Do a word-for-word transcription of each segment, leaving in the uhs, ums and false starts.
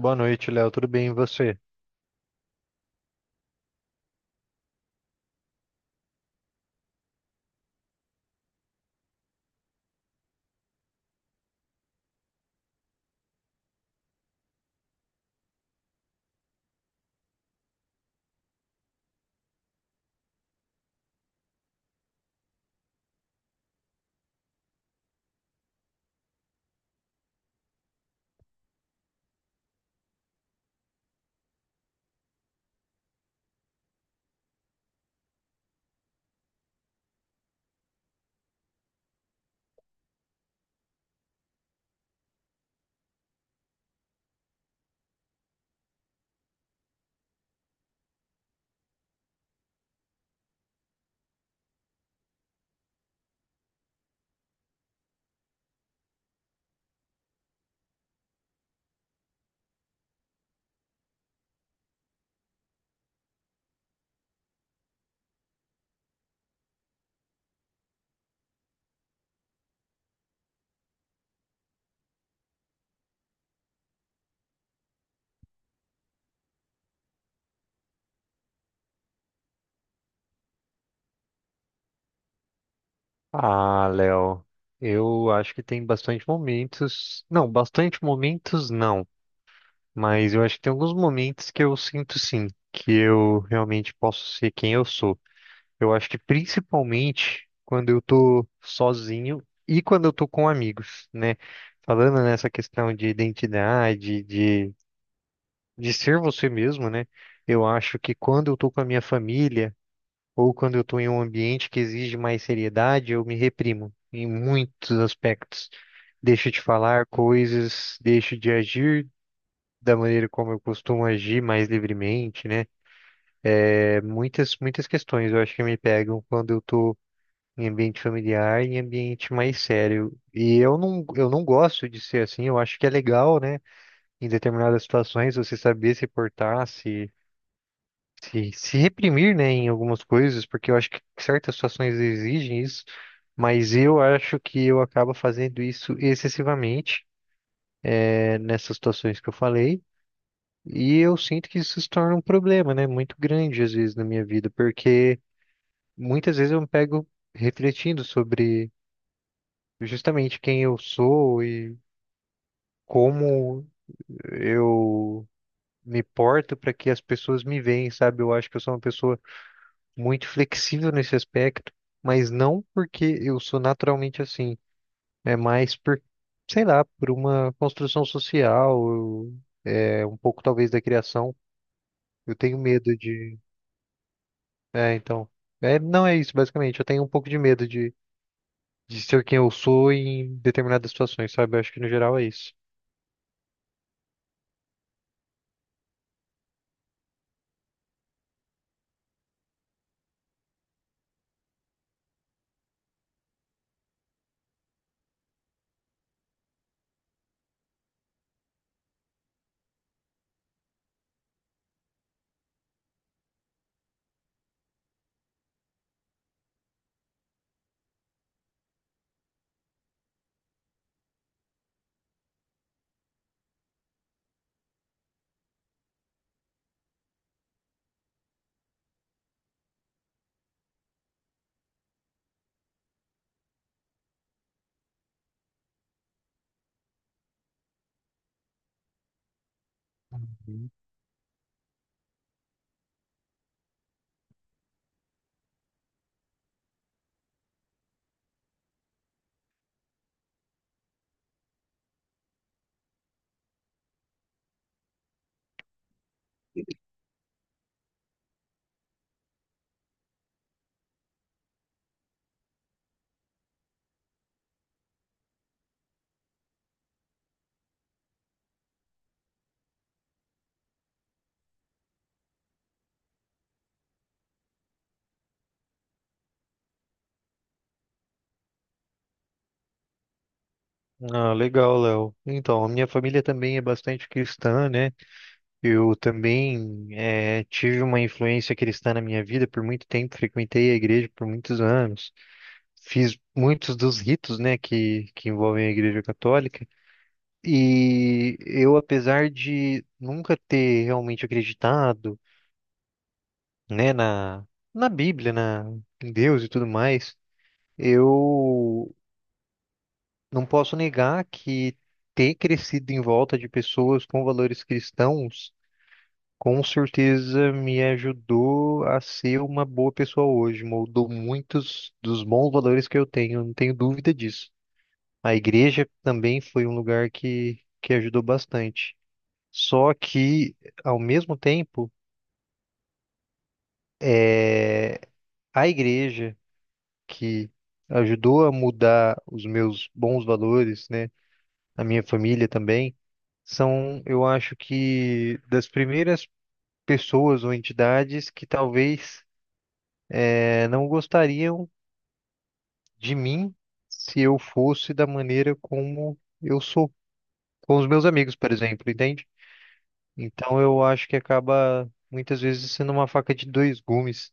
Boa noite, Léo. Tudo bem, e você? Ah, Léo, eu acho que tem bastante momentos. Não, bastante momentos não, mas eu acho que tem alguns momentos que eu sinto sim, que eu realmente posso ser quem eu sou. Eu acho que principalmente quando eu tô sozinho e quando eu tô com amigos, né? Falando nessa questão de identidade, de, de ser você mesmo, né? Eu acho que quando eu tô com a minha família ou quando eu estou em um ambiente que exige mais seriedade, eu me reprimo em muitos aspectos. Deixo de falar coisas, deixo de agir da maneira como eu costumo agir mais livremente, né? É, muitas, muitas questões eu acho que me pegam quando eu estou em ambiente familiar, em ambiente mais sério. E eu não, eu não gosto de ser assim, eu acho que é legal, né? Em determinadas situações, você saber se portar, se se, se reprimir, né, em algumas coisas, porque eu acho que certas situações exigem isso, mas eu acho que eu acabo fazendo isso excessivamente, é, nessas situações que eu falei, e eu sinto que isso se torna um problema, né, muito grande às vezes na minha vida, porque muitas vezes eu me pego refletindo sobre justamente quem eu sou e como eu me porto para que as pessoas me veem, sabe? Eu acho que eu sou uma pessoa muito flexível nesse aspecto, mas não porque eu sou naturalmente assim. É mais por, sei lá, por uma construção social, eu- é um pouco talvez da criação. Eu tenho medo de. É, então. É, não é isso, basicamente. Eu tenho um pouco de medo de, de ser quem eu sou em determinadas situações, sabe? Eu acho que no geral é isso. Uhum. Ah, legal, Léo. Então, a minha família também é bastante cristã, né? Eu também eh, tive uma influência cristã na minha vida por muito tempo, frequentei a igreja por muitos anos, fiz muitos dos ritos, né, que, que envolvem a igreja católica. E eu, apesar de nunca ter realmente acreditado, né, na, na Bíblia, na, em Deus e tudo mais, eu não posso negar que ter crescido em volta de pessoas com valores cristãos, com certeza me ajudou a ser uma boa pessoa hoje, moldou muitos dos bons valores que eu tenho, não tenho dúvida disso. A igreja também foi um lugar que, que ajudou bastante. Só que, ao mesmo tempo, é, a igreja que ajudou a mudar os meus bons valores, né, a minha família também, são, eu acho que, das primeiras pessoas ou entidades que talvez eh, não gostariam de mim se eu fosse da maneira como eu sou com os meus amigos, por exemplo, entende? Então eu acho que acaba muitas vezes sendo uma faca de dois gumes,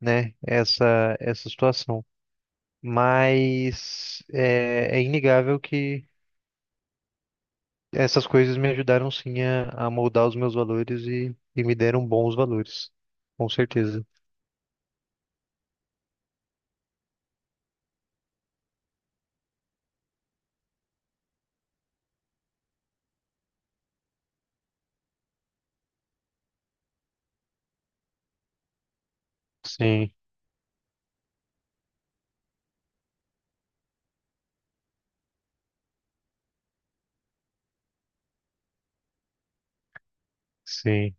né? Essa essa situação. Mas é, é inegável que essas coisas me ajudaram sim a, a moldar os meus valores e, e me deram bons valores, com certeza. Sim, sim.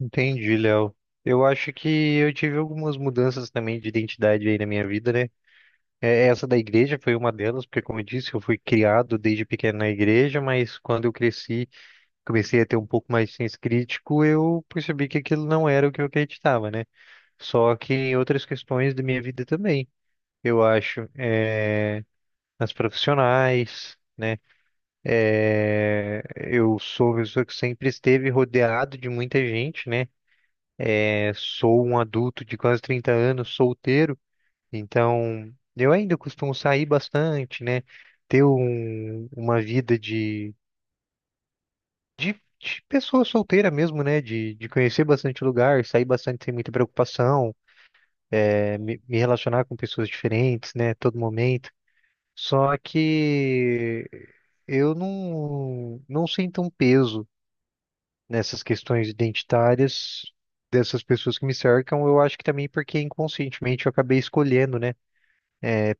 Entendi, Léo. Eu acho que eu tive algumas mudanças também de identidade aí na minha vida, né? É, essa da igreja foi uma delas, porque, como eu disse, eu fui criado desde pequeno na igreja, mas quando eu cresci, comecei a ter um pouco mais de senso crítico, eu percebi que aquilo não era o que eu acreditava, né? Só que em outras questões da minha vida também, eu acho, é, nas profissionais, né? É, eu sou uma pessoa que sempre esteve rodeado de muita gente, né? É, sou um adulto de quase trinta anos, solteiro. Então, eu ainda costumo sair bastante, né? Ter um- uma vida de, de, de pessoa solteira mesmo, né? De, de conhecer bastante lugar, sair bastante sem muita preocupação, eh, me, me relacionar com pessoas diferentes, né? Todo momento. Só que eu não, não sinto um peso nessas questões identitárias dessas pessoas que me cercam. Eu acho que também porque inconscientemente eu acabei escolhendo, né,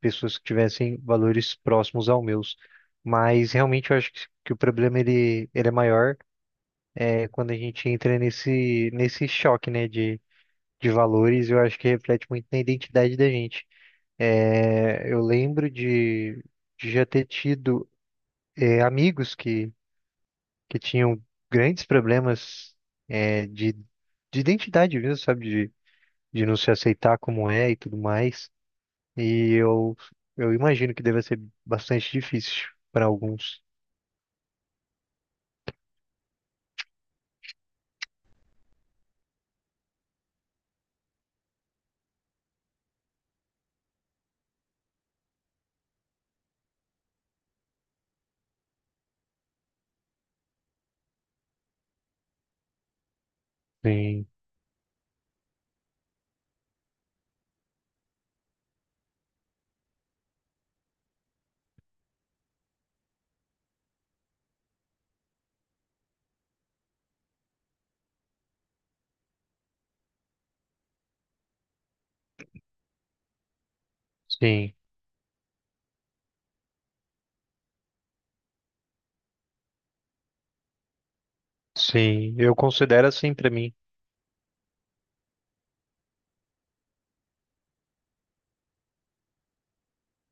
pessoas que tivessem valores próximos aos meus. Mas realmente eu acho que, que o problema ele, ele é maior é quando a gente entra nesse, nesse choque, né, de, de valores, eu acho que reflete muito na identidade da gente. É, eu lembro de, de já ter tido é, amigos que, que tinham grandes problemas é, de, de identidade mesmo, sabe, de, de não se aceitar como é e tudo mais. E eu, eu imagino que deve ser bastante difícil para alguns. Sim, sim, sim. Eu considero assim para mim.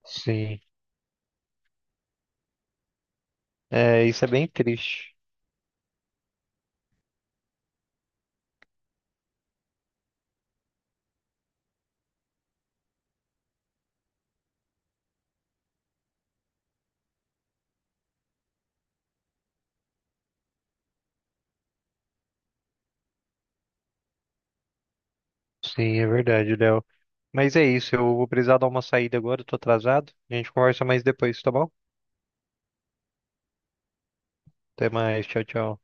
Sim. É, isso é bem triste. Sim, é verdade, Léo. Mas é isso, eu vou precisar dar uma saída agora, eu tô atrasado. A gente conversa mais depois, tá bom? Até mais, tchau, tchau.